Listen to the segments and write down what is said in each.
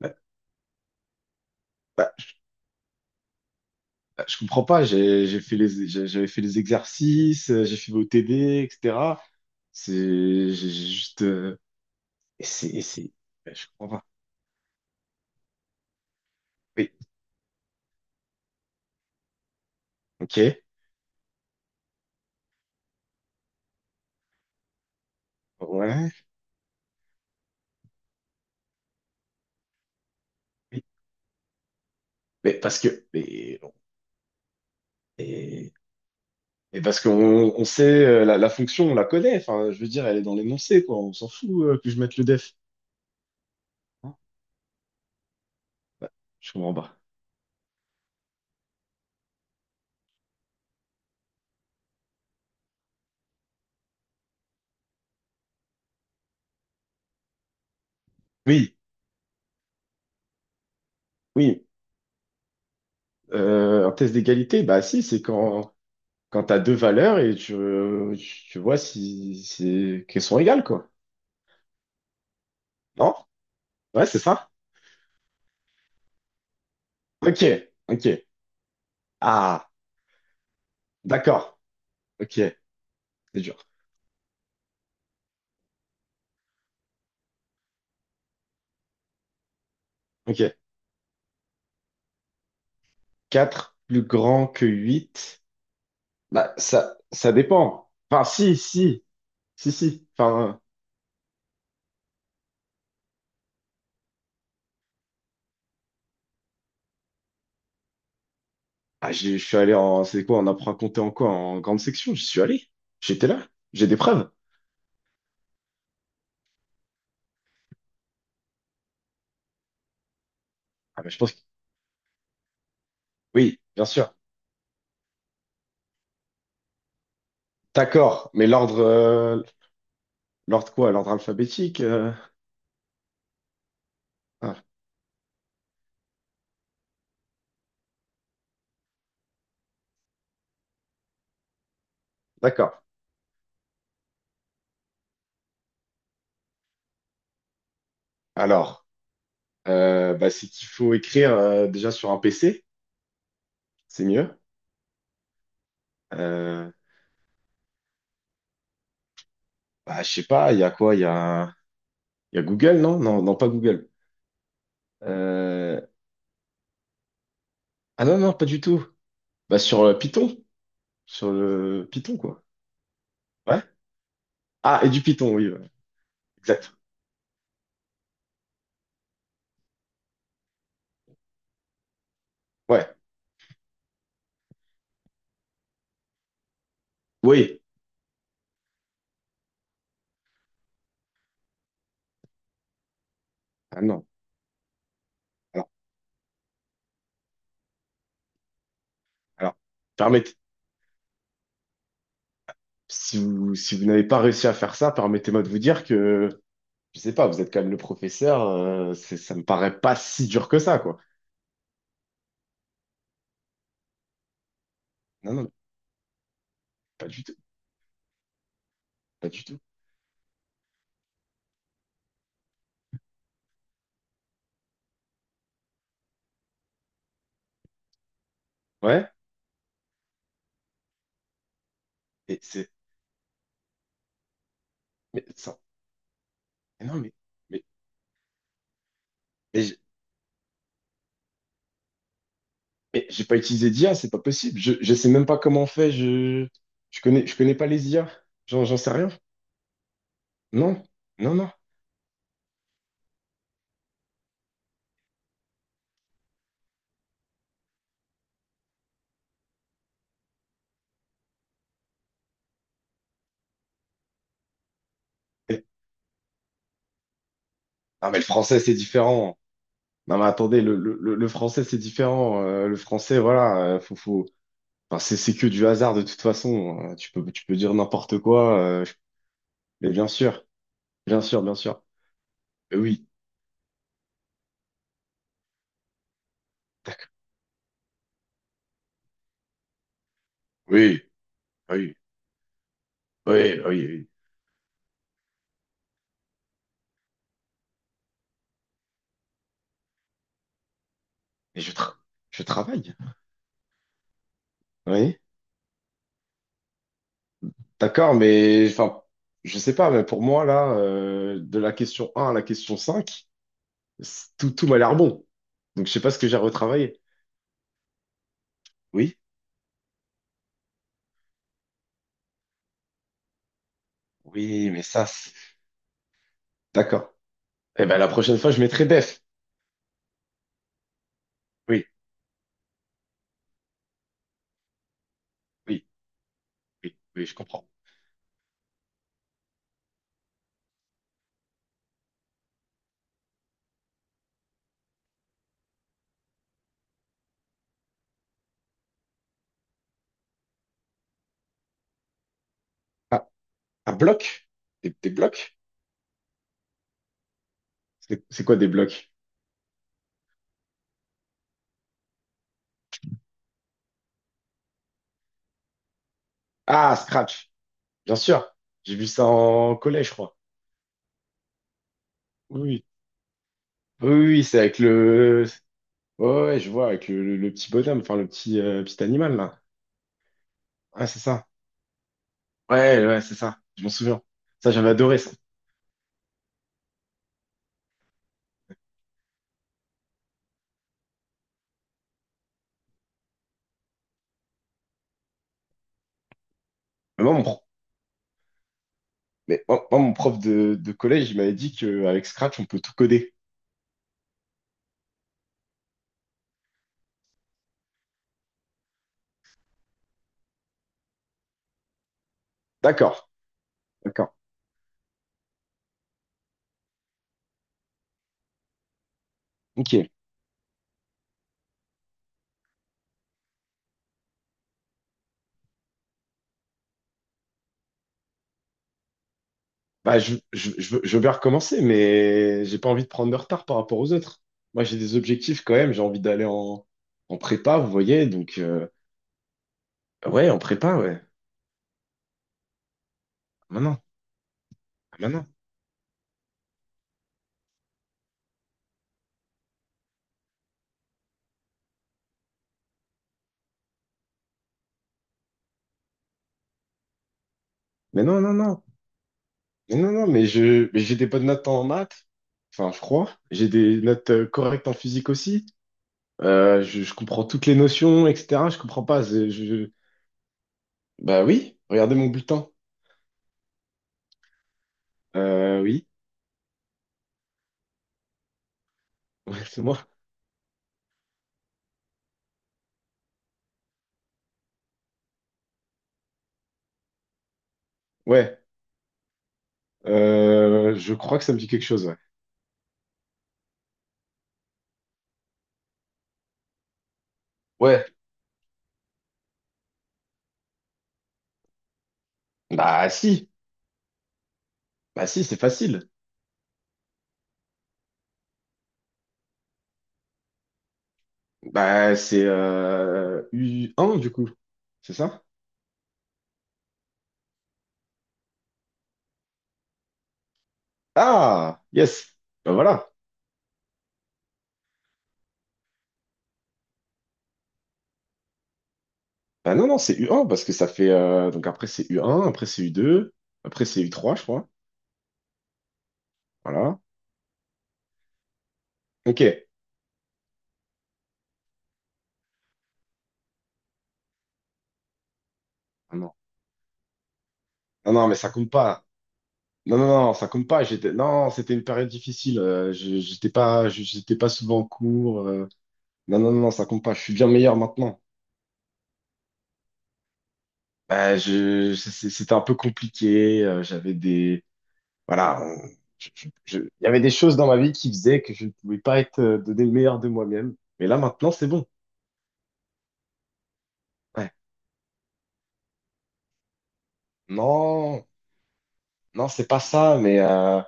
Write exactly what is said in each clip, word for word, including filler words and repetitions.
Bah, bah, bah, je comprends pas, j'ai j'ai fait les j'ai- J'avais fait les exercices, euh, j'ai fait vos T D, et cetera. C'est j'ai j'ai juste euh, et c'est et c'est Bah, je comprends pas. Oui, ok, ouais, oui. Mais parce que mais bon, et, et parce qu'on on sait, euh, la, la fonction, on la connaît. Enfin, je veux dire, elle est dans l'énoncé, quoi. On s'en fout, euh, que je mette le def. Hein. Bah, je comprends pas. Oui, oui. Euh, un test d'égalité, bah si, c'est quand quand t'as deux valeurs et tu, tu vois si, si, qu'elles sont égales, quoi. Non? Ouais, c'est ça? Ok, ok. Ah, d'accord. Ok, c'est dur. Ok. Quatre plus grand que huit? Bah, ça, ça dépend. Enfin, si, si, si, si. Enfin, ah, j'ai- je suis allé en, c'est quoi, on apprend à compter en quoi? En grande section, j'y suis allé. J'étais là. J'ai des preuves. Ah, bah, je pense que, oui, bien sûr. D'accord. Mais l'ordre, euh, l'ordre quoi? L'ordre alphabétique? euh, ah, d'accord. Alors. Euh, bah, c'est qu'il faut écrire euh, déjà sur un P C, c'est mieux. Euh, bah, je sais pas, il y a quoi? Il y a, il y a Google, non? Non, non, pas Google. Euh, ah non, non, pas du tout. Bah, sur euh, Python, sur le Python, quoi. Ouais. Ah, et du Python, oui, ouais. Exact. Ouais, oui. Ah non. Alors, alors, permettez, si vous, si vous n'avez pas réussi à faire ça, permettez-moi de vous dire que, je sais pas, vous êtes quand même le professeur, euh, c'est- ça me paraît pas si dur que ça, quoi. Non, non, pas du tout, pas du tout. Ouais. Et c'est Mais ça, mais non, mais, mais, mais j'ai mais j'ai pas utilisé d'I A, c'est pas possible. Je, je sais même pas comment on fait. Je, je connais, je connais pas les I A. J'en, j'en sais rien. Non, non, non. Et- non, mais le français, c'est différent. Non, mais attendez, le, le, le le français, c'est différent. Euh, le français, voilà, euh, faut, faut, enfin, c'est, c'est que du hasard de toute façon. Euh, tu peux, tu peux dire n'importe quoi. Euh, je- mais bien sûr, bien sûr, bien sûr. Mais oui, d'accord. Oui, oui, oui, oui, oui. Mais je, tra- je travaille. Oui. D'accord, mais enfin, je sais pas, mais pour moi, là, euh, de la question un à la question cinq, c'est- tout, tout m'a l'air bon. Donc, je sais pas ce que j'ai retravaillé. Oui, oui, mais ça, c'est- d'accord. Eh ben, la prochaine fois, je mettrai def. Oui, oui, oui, oui, je comprends. Ah, un bloc? Des, des blocs? C'est c'est quoi des blocs? Ah, Scratch, bien sûr. J'ai vu ça en collège, je crois. Oui, oui, oui, oui, c'est avec le... Ouais, ouais, je vois, avec le, le- le petit bonhomme, enfin, le petit, euh, petit animal, là. Ah, c'est ça. Ouais, ouais, c'est ça. Je m'en souviens. Ça, j'avais adoré ça. Mais moi, mon, pro- mais moi, moi, Mon prof de, de collège, il m'avait dit qu'avec Scratch, on peut tout coder. D'accord, d'accord. Ok. Bah, je, je, je veux je veux bien recommencer, mais j'ai pas envie de prendre de retard par rapport aux autres. Moi, j'ai des objectifs quand même. J'ai envie d'aller en, en prépa, vous voyez. Donc, euh, ouais, en prépa, ouais. Ah, maintenant. Ah, maintenant. Mais non, non, non. Mais non, non, mais je, mais j'ai des bonnes notes en maths. Enfin, je crois. J'ai des notes euh, correctes en physique aussi. Euh, je, je comprends toutes les notions, et cetera. Je comprends pas. Je, je- Bah oui, regardez mon bulletin. Euh, oui, Ouais, c'est moi. Ouais, Euh, Je crois que ça me dit quelque chose. Ouais. Ouais. Bah si, bah si, c'est facile. Bah c'est euh, U un du coup, c'est ça? Ah, yes. Bah voilà. Bah non, non, c'est U un parce que ça fait... euh, donc après c'est U un, après c'est U deux, après c'est U trois, je crois. Voilà. Ok. Ah non, non, non, mais ça compte pas. Non, non, non, ça compte pas. J'étais, non, c'était une période difficile. Euh, je- j'étais pas, je- j'étais pas souvent en cours. Euh, non, non, non, non, ça compte pas. Je suis bien meilleur maintenant. Bah, je, je- c'est- c'était un peu compliqué. Euh, j'avais des, voilà, euh, je- je- je- il y avait des choses dans ma vie qui faisaient que je ne pouvais pas être, euh, donner le meilleur de moi-même. Mais là, maintenant, c'est bon. Ouais. Non, non, c'est pas ça. Mais euh,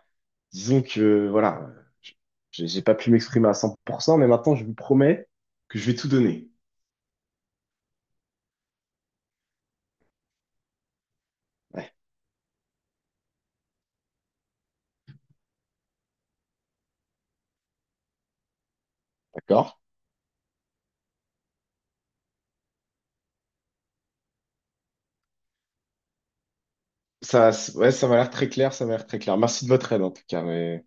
disons que, voilà, je- j'ai j'ai pas pu m'exprimer à cent pour cent, mais maintenant, je vous promets que je vais tout donner. Ouais, d'accord? Ça, ouais, ça m'a l'air très clair, ça m'a l'air très clair. Merci de votre aide en tout cas, mais.